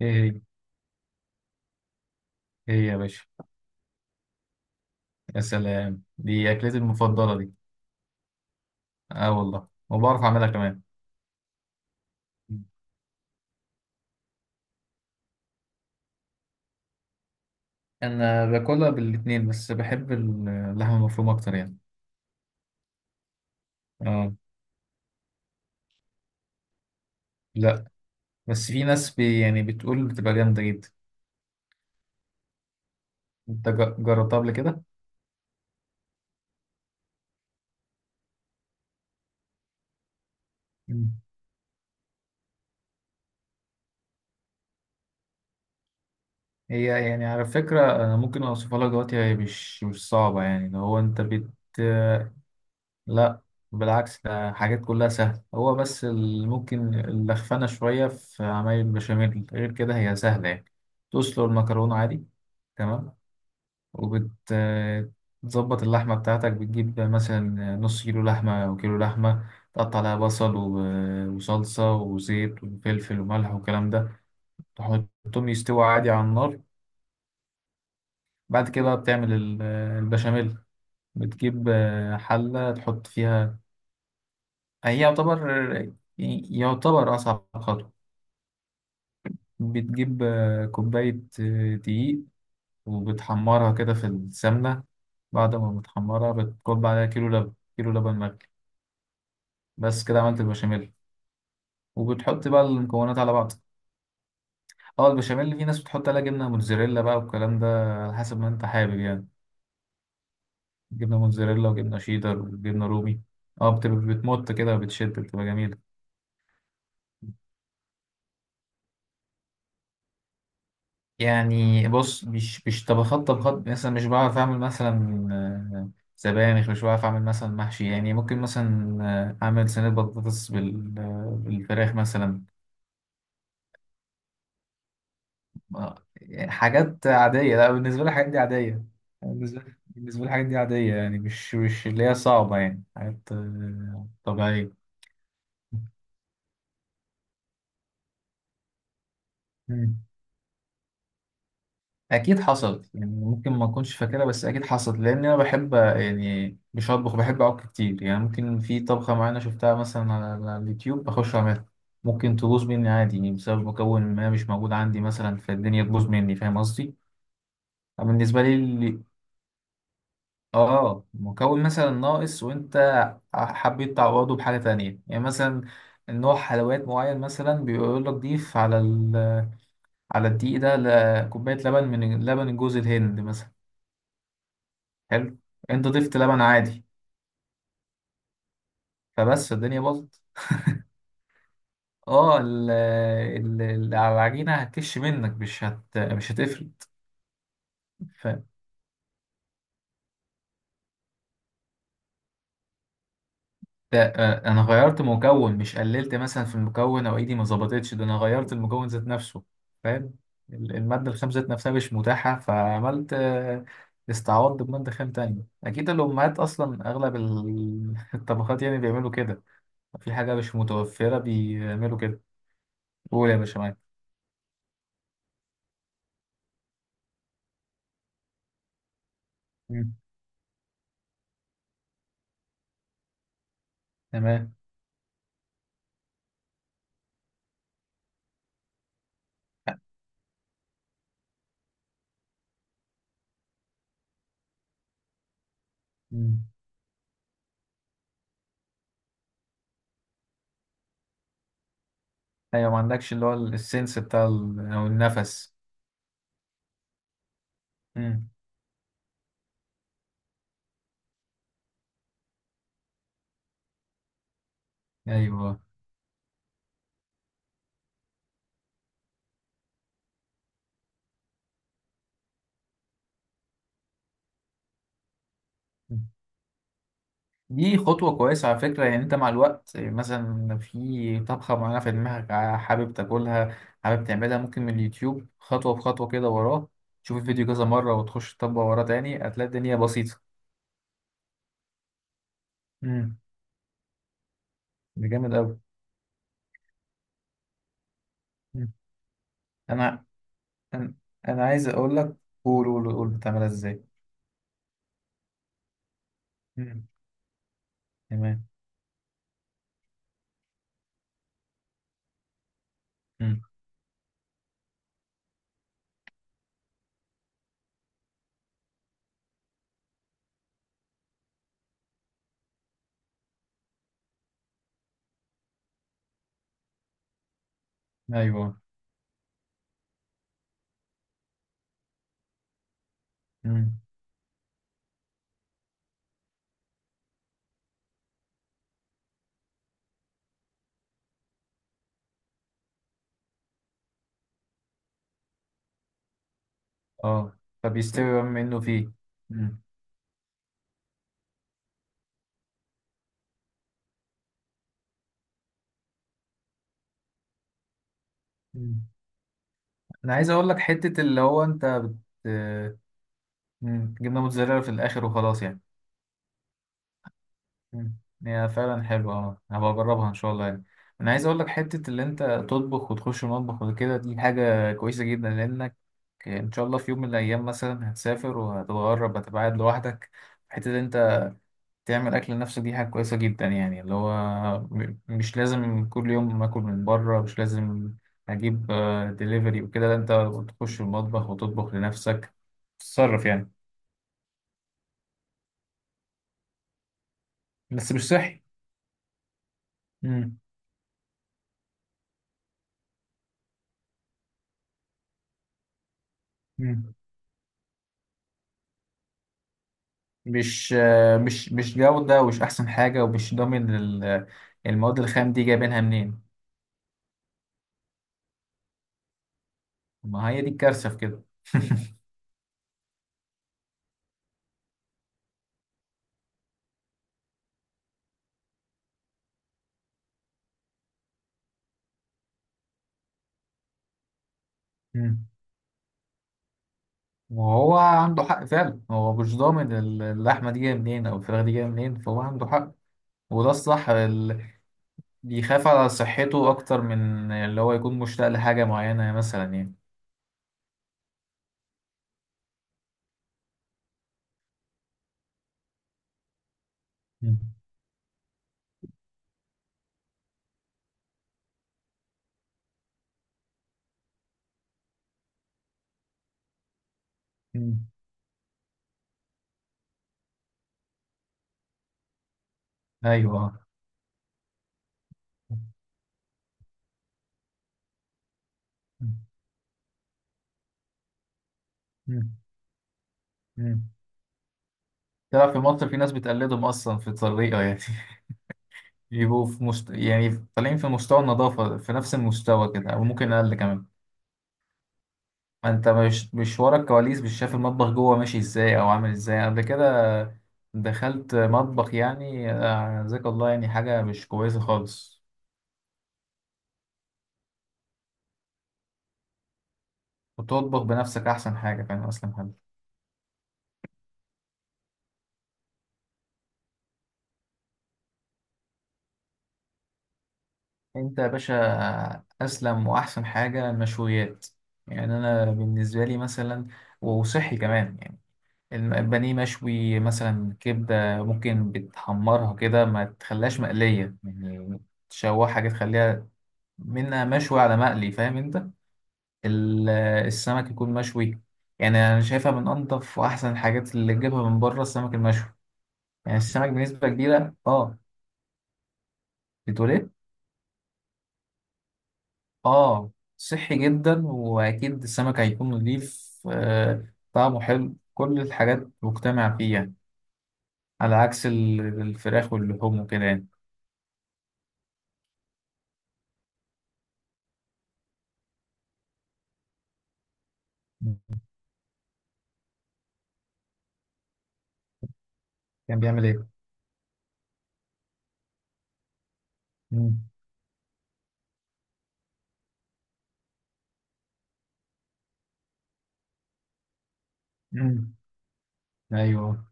ايه هي؟ ايه يا باشا؟ يا سلام، دي اكلتي المفضله دي. اه والله، وبعرف اعملها كمان. انا باكلها بالاتنين بس بحب اللحمه المفرومه اكتر يعني. اه. لا. بس في ناس يعني بتقول بتبقى جامده جدا. انت جربتها قبل كده؟ مم. هي يعني على فكره، أنا ممكن اوصفها لك دلوقتي، هي مش صعبه يعني، لو هو انت. لا. بالعكس، ده حاجات كلها سهلة، هو بس اللي ممكن اللخفنة شوية في عمايل البشاميل، غير كده هي سهلة يعني. تسلق المكرونة عادي. تمام. وبتظبط اللحمة بتاعتك، بتجيب مثلا نص كيلو لحمة أو كيلو لحمة. تقطع عليها بصل وصلصة وزيت وفلفل وملح والكلام ده. تحطهم يستووا عادي على النار. بعد كده بقى بتعمل البشاميل. بتجيب حلة تحط فيها. هي يعتبر يعني، يعتبر أصعب خطوة. بتجيب كوباية دقيق، وبتحمرها كده في السمنة. بعد ما بتحمرها بتكب عليها كيلو لبن، كيلو لبن مغلي. بس كده عملت البشاميل. وبتحط بقى المكونات على بعض. اه، البشاميل في ناس بتحط عليها جبنة موتزاريلا بقى والكلام ده. على حسب ما انت حابب يعني. جبنة موتزاريلا وجبنة شيدر وجبنة رومي. اه، بتبقى بتمط كده وبتشد، بتبقى جميلة. يعني بص، مش طبخات طبخات مثلا، مش بعرف اعمل مثلا آه، سبانخ، مش بعرف اعمل مثلا محشي، يعني ممكن مثلا اعمل صينية بطاطس بالفراخ مثلا. يعني حاجات عادية، لا بالنسبة لي الحاجات دي عادية. بالنسبة لي الحاجات دي عادية يعني، مش اللي هي صعبة يعني، حاجات طبيعية. مم. اكيد حصلت يعني، ممكن ما اكونش فاكرها بس اكيد حصلت، لان انا بحب يعني مش اطبخ، بحب اعك كتير يعني. ممكن في طبخه معينه شفتها مثلا على اليوتيوب، بخش اعملها. ممكن تبوظ مني عادي يعني، بسبب مكون ما مش موجود عندي مثلا، فالدنيا تبوظ مني، فاهم قصدي؟ بالنسبه لي اللي- اه، مكون مثلا ناقص وانت حبيت تعوضه بحاجه تانية، يعني مثلا نوع حلويات معين مثلا بيقول لك ضيف على الدقيق ده كوبايه لبن من لبن جوز الهند مثلا. حلو. انت ضفت لبن عادي، فبس الدنيا باظت. اه، العجينه هتكش منك، مش هتفرق. ف ده انا غيرت مكون، مش قللت مثلا في المكون او ايدي ما ظبطتش، ده انا غيرت المكون ذات نفسه. فاهم؟ الماده الخام ذات نفسها مش متاحه، فعملت استعوضت بماده خام تانية. اكيد الامهات اصلا اغلب الطبخات يعني بيعملوا كده. في حاجه مش متوفره بيعملوا كده. قول يا باشا معاك. مم. تمام. مم. ايوه ما عندكش اللي هو السنس بتاع او النفس. امم. ايوه، دي خطوة كويسة على فكرة. يعني انت مع الوقت مثلا في طبخة معينة في دماغك حابب تاكلها، حابب تعملها ممكن من اليوتيوب خطوة بخطوة كده وراه، تشوف الفيديو كذا مرة وتخش تطبق وراه تاني، هتلاقي الدنيا بسيطة. امم. ده جامد أوي. مم. انا انا أنا عايز اقول لك. قول قول قول، بتعملها ازاي؟ مم. تمام. مم. ايوه. مم. اه. فبيستوي بقى منه فيه. مم. انا عايز اقول لك حتة اللي هو انت بت مم، جبنة موتزاريلا في الاخر وخلاص يعني. مم، هي فعلا حلوة، اه هبقى اجربها ان شاء الله يعني. انا عايز اقول لك حتة اللي انت تطبخ وتخش المطبخ وكده، دي حاجة كويسة جدا، لانك ان شاء الله في يوم من الايام مثلا هتسافر وهتتغرب، هتبقى قاعد لوحدك. حتة اللي انت تعمل أكل لنفسك دي حاجة كويسة جدا يعني، اللي هو مش لازم كل يوم آكل من بره، مش لازم أجيب ديليفري وكده، لا أنت تخش المطبخ وتطبخ لنفسك. تتصرف يعني. بس مش صحي. مم. مم. مش آه، مش مش جودة، ومش أحسن حاجة، ومش ضامن المواد الخام دي جايبينها منين. ما هي دي الكارثة في كده. مم. وهو عنده حق فعلا، هو مش ضامن اللحمة دي جاية منين أو الفراخ دي جاية منين، فهو عنده حق. وده الصح. بيخاف على صحته أكتر من اللي هو يكون مشتاق لحاجة معينة مثلا يعني. مم. مم. أيوه. مم. مم. تلعب في مصر في ناس بتقلدهم أصلا في الطريقة يعني. بيبقوا في يعني طالعين في مستوى النظافة في نفس المستوى كده، أو ممكن أقل كمان. ما أنت مش ورا الكواليس، مش شايف المطبخ جوه ماشي إزاي أو عامل إزاي قبل كده. دخلت مطبخ يعني جزاك الله، يعني حاجة مش كويسة خالص. وتطبخ بنفسك أحسن حاجة، فاهم أصلا. انت يا باشا، اسلم واحسن حاجه المشويات. يعني انا بالنسبه لي مثلا، وصحي كمان يعني. البانيه مشوي مثلا، كبده ممكن بتحمرها كده ما تخليهاش مقليه يعني. تشوحها كده تخليها منها مشوي على مقلي، فاهم انت؟ ال- السمك يكون مشوي. يعني انا شايفها من انضف واحسن الحاجات اللي تجيبها من بره السمك المشوي. يعني السمك بنسبه كبيره، اه. بتقول إيه؟ اه صحي جدا، واكيد السمك هيكون نضيف، آه طعمه حلو، كل الحاجات مجتمع فيها. على عكس الفراخ واللحوم وكده يعني. مم. كان بيعمل ايه؟ مم. مم. ايوه.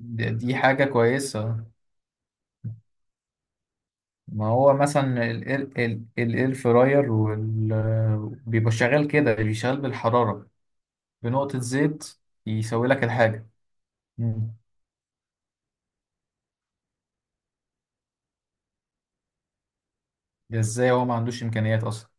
دي حاجة كويسة. ما هو مثلا الاير، الاير فراير بيبقى شغال كده، بيشغل بالحرارة بنقطة زيت، يسوي لك الحاجة. مم. ده ازاي هو ما عندوش امكانيات اصلا؟